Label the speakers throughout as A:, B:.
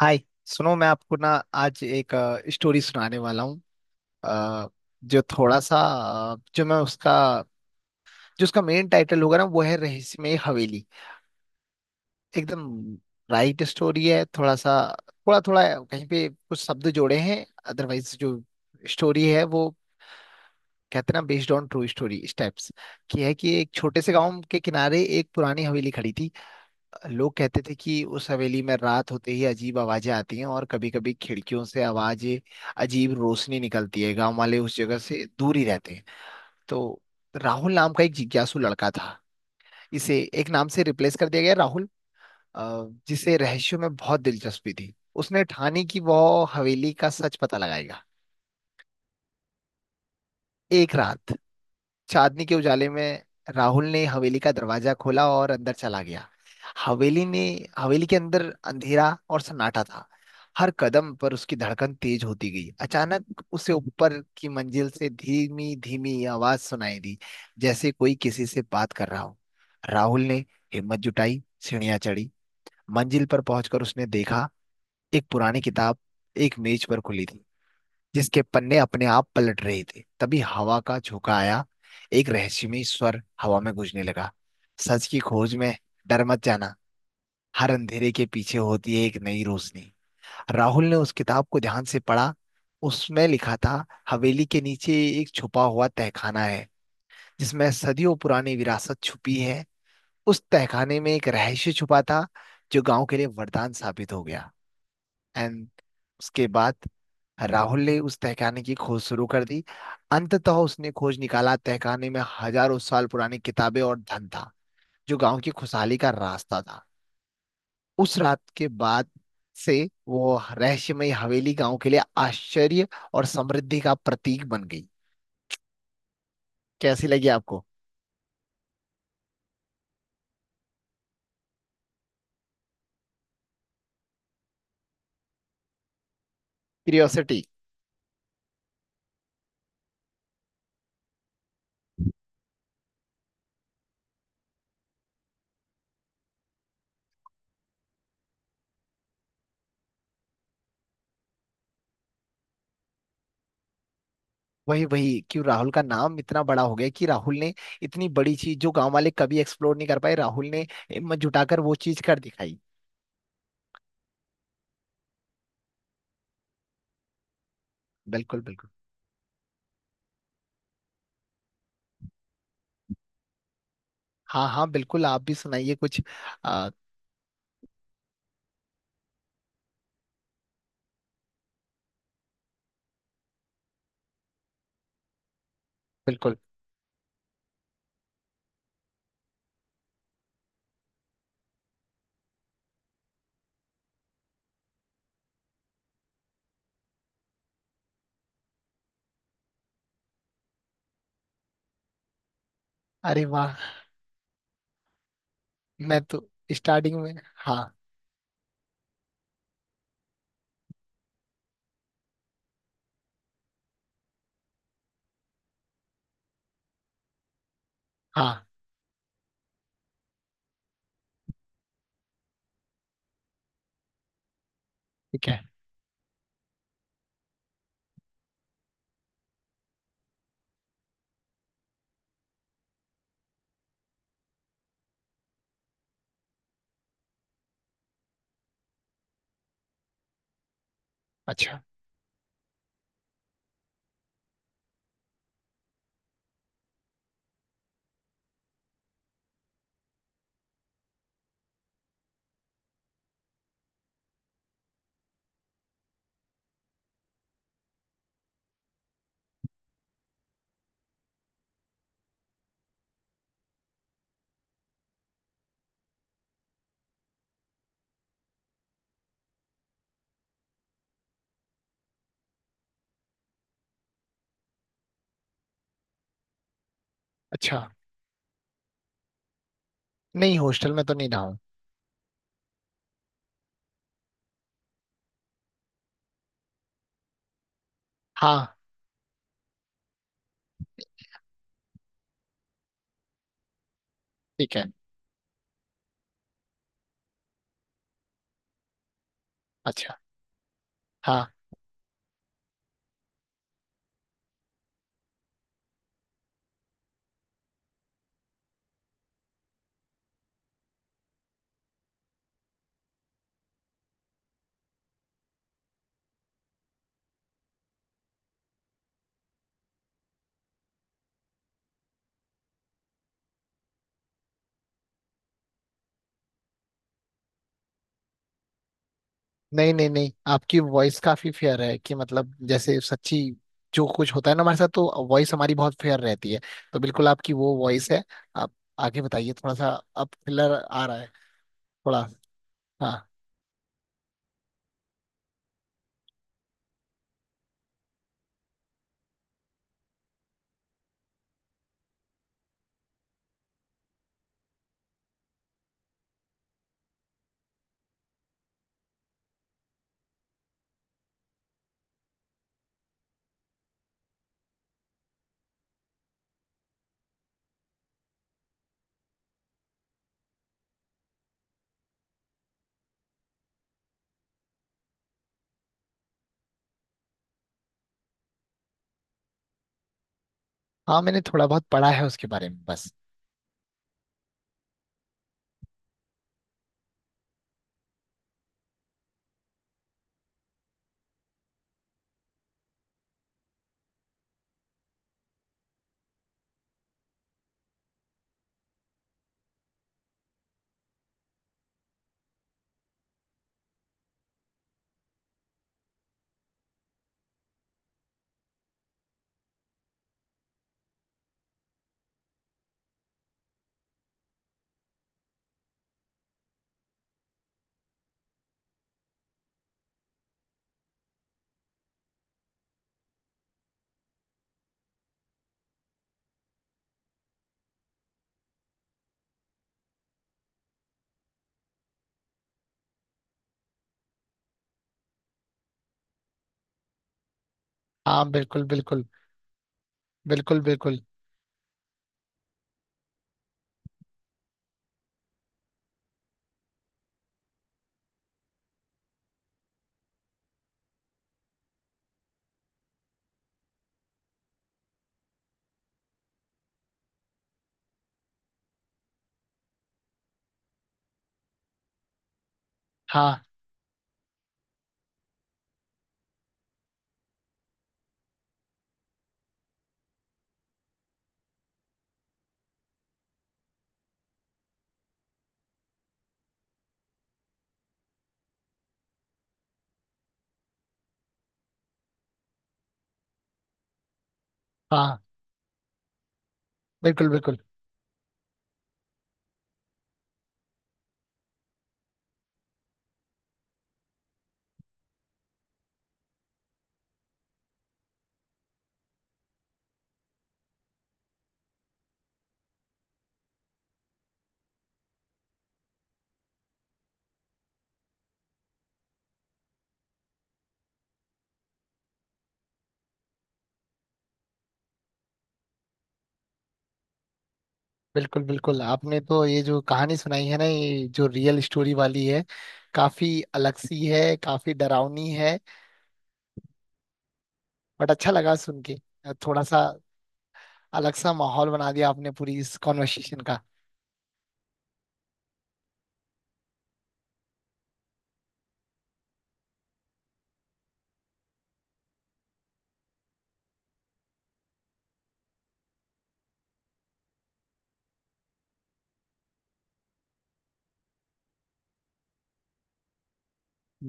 A: हाय। सुनो, मैं आपको ना आज एक स्टोरी सुनाने वाला हूँ। अ, जो थोड़ा सा अ, जो मैं उसका जो उसका मेन टाइटल होगा ना वो है रहस्यमय हवेली। एकदम राइट स्टोरी है। थोड़ा सा, थोड़ा थोड़ा कहीं पे कुछ शब्द जोड़े हैं। अदरवाइज जो स्टोरी है वो, कहते हैं ना, based on true story steps की है कि एक छोटे से गांव के किनारे एक पुरानी हवेली खड़ी थी। लोग कहते थे कि उस हवेली में रात होते ही अजीब आवाजें आती हैं और कभी कभी खिड़कियों से आवाजें, अजीब रोशनी निकलती है। गांव वाले उस जगह से दूर ही रहते हैं। तो राहुल नाम का एक जिज्ञासु लड़का था, इसे एक नाम से रिप्लेस कर दिया गया राहुल, अ, जिसे रहस्यों में बहुत दिलचस्पी थी। उसने ठानी कि वह हवेली का सच पता लगाएगा। एक रात चांदनी के उजाले में राहुल ने हवेली का दरवाजा खोला और अंदर चला गया। हवेली ने हवेली के अंदर अंधेरा और सन्नाटा था। हर कदम पर उसकी धड़कन तेज होती गई। अचानक उसे ऊपर की मंजिल से धीमी धीमी आवाज सुनाई दी, जैसे कोई किसी से बात कर रहा हो। राहुल ने हिम्मत जुटाई, सीढ़ियां चढ़ी। मंजिल पर पहुंचकर उसने देखा एक पुरानी किताब एक मेज पर खुली थी, जिसके पन्ने अपने आप पलट रहे थे। तभी हवा का झोंका आया, एक रहस्यमय स्वर हवा में गूंजने लगा। सच की खोज में डर मत जाना, हर अंधेरे के पीछे होती है एक नई रोशनी। राहुल ने उस किताब को ध्यान से पढ़ा। उसमें लिखा था हवेली के नीचे एक छुपा हुआ तहखाना है, जिसमें सदियों पुरानी विरासत छुपी है। उस तहखाने में एक रहस्य छुपा था, जो गांव के लिए वरदान साबित हो गया। एंड उसके बाद राहुल ने उस तहखाने की खोज शुरू कर दी। अंततः उसने खोज निकाला, तहखाने में हजारों साल पुरानी किताबें और धन था, जो गांव की खुशहाली का रास्ता था। उस रात के बाद से वो रहस्यमय हवेली गांव के लिए आश्चर्य और समृद्धि का प्रतीक बन गई। कैसी लगी आपको? क्यूरियोसिटी। वही वही क्यों राहुल का नाम इतना बड़ा हो गया? कि राहुल ने इतनी बड़ी चीज, जो गांव वाले कभी एक्सप्लोर नहीं कर पाए, राहुल ने हिम्मत जुटाकर वो चीज कर दिखाई। बिल्कुल, बिल्कुल। हाँ हाँ, बिल्कुल, आप भी सुनाइए कुछ। आ, बिल्कुल। अरे वाह! मैं तो स्टार्टिंग में। हाँ। हाँ, ठीक है। अच्छा। अच्छा, नहीं, हॉस्टल में तो नहीं रहा हूँ। हाँ। ठीक है। अच्छा। हाँ। नहीं नहीं नहीं, आपकी वॉइस काफी फेयर है, कि मतलब जैसे सच्ची, जो कुछ होता है ना हमारे साथ, तो वॉइस हमारी बहुत फेयर रहती है। तो बिल्कुल आपकी वो वॉइस है। आप आगे बताइए थोड़ा सा, अब थ्रिलर आ रहा है थोड़ा। हाँ। हाँ, मैंने थोड़ा बहुत पढ़ा है उसके बारे में बस। हाँ, बिल्कुल बिल्कुल। बिल्कुल बिल्कुल। हाँ हाँ बिल्कुल। बिल्कुल बिल्कुल। बिल्कुल, आपने तो ये जो कहानी सुनाई है ना, ये जो रियल स्टोरी वाली है, काफी अलग सी है, काफी डरावनी है। बट अच्छा लगा सुन के। थोड़ा सा अलग सा माहौल बना दिया आपने पूरी इस कॉन्वर्सेशन का।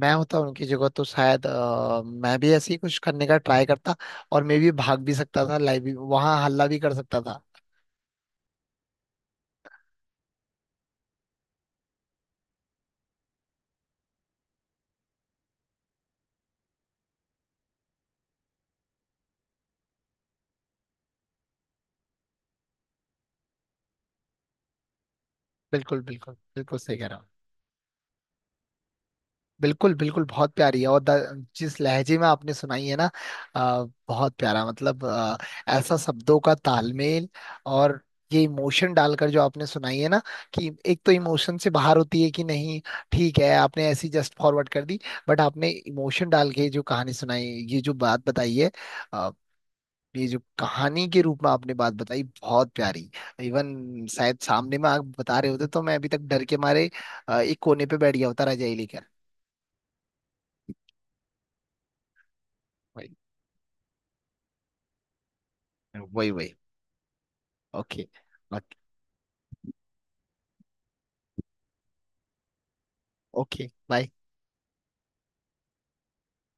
A: मैं होता उनकी जगह तो शायद मैं भी ऐसे ही कुछ करने का ट्राई करता, और मैं भी भाग भी सकता था, लाइव भी वहां हल्ला भी कर सकता था। बिल्कुल बिल्कुल, बिल्कुल सही कह रहा हूँ। बिल्कुल बिल्कुल, बहुत प्यारी है। और जिस लहजे में आपने सुनाई है ना, आ, बहुत प्यारा मतलब, ऐसा शब्दों का तालमेल, और ये इमोशन डालकर जो आपने सुनाई है ना, कि एक तो इमोशन से बाहर होती है कि नहीं, ठीक है, आपने ऐसी जस्ट फॉरवर्ड कर दी, बट आपने इमोशन डाल के जो कहानी सुनाई, ये जो बात बताई है, आ, ये जो कहानी के रूप में आपने बात बताई, बहुत प्यारी। इवन शायद सामने में आप बता रहे होते तो मैं अभी तक डर के मारे एक कोने पे बैठ गया होता रजाई लेकर। वही वही। ओके। Okay, okay bye.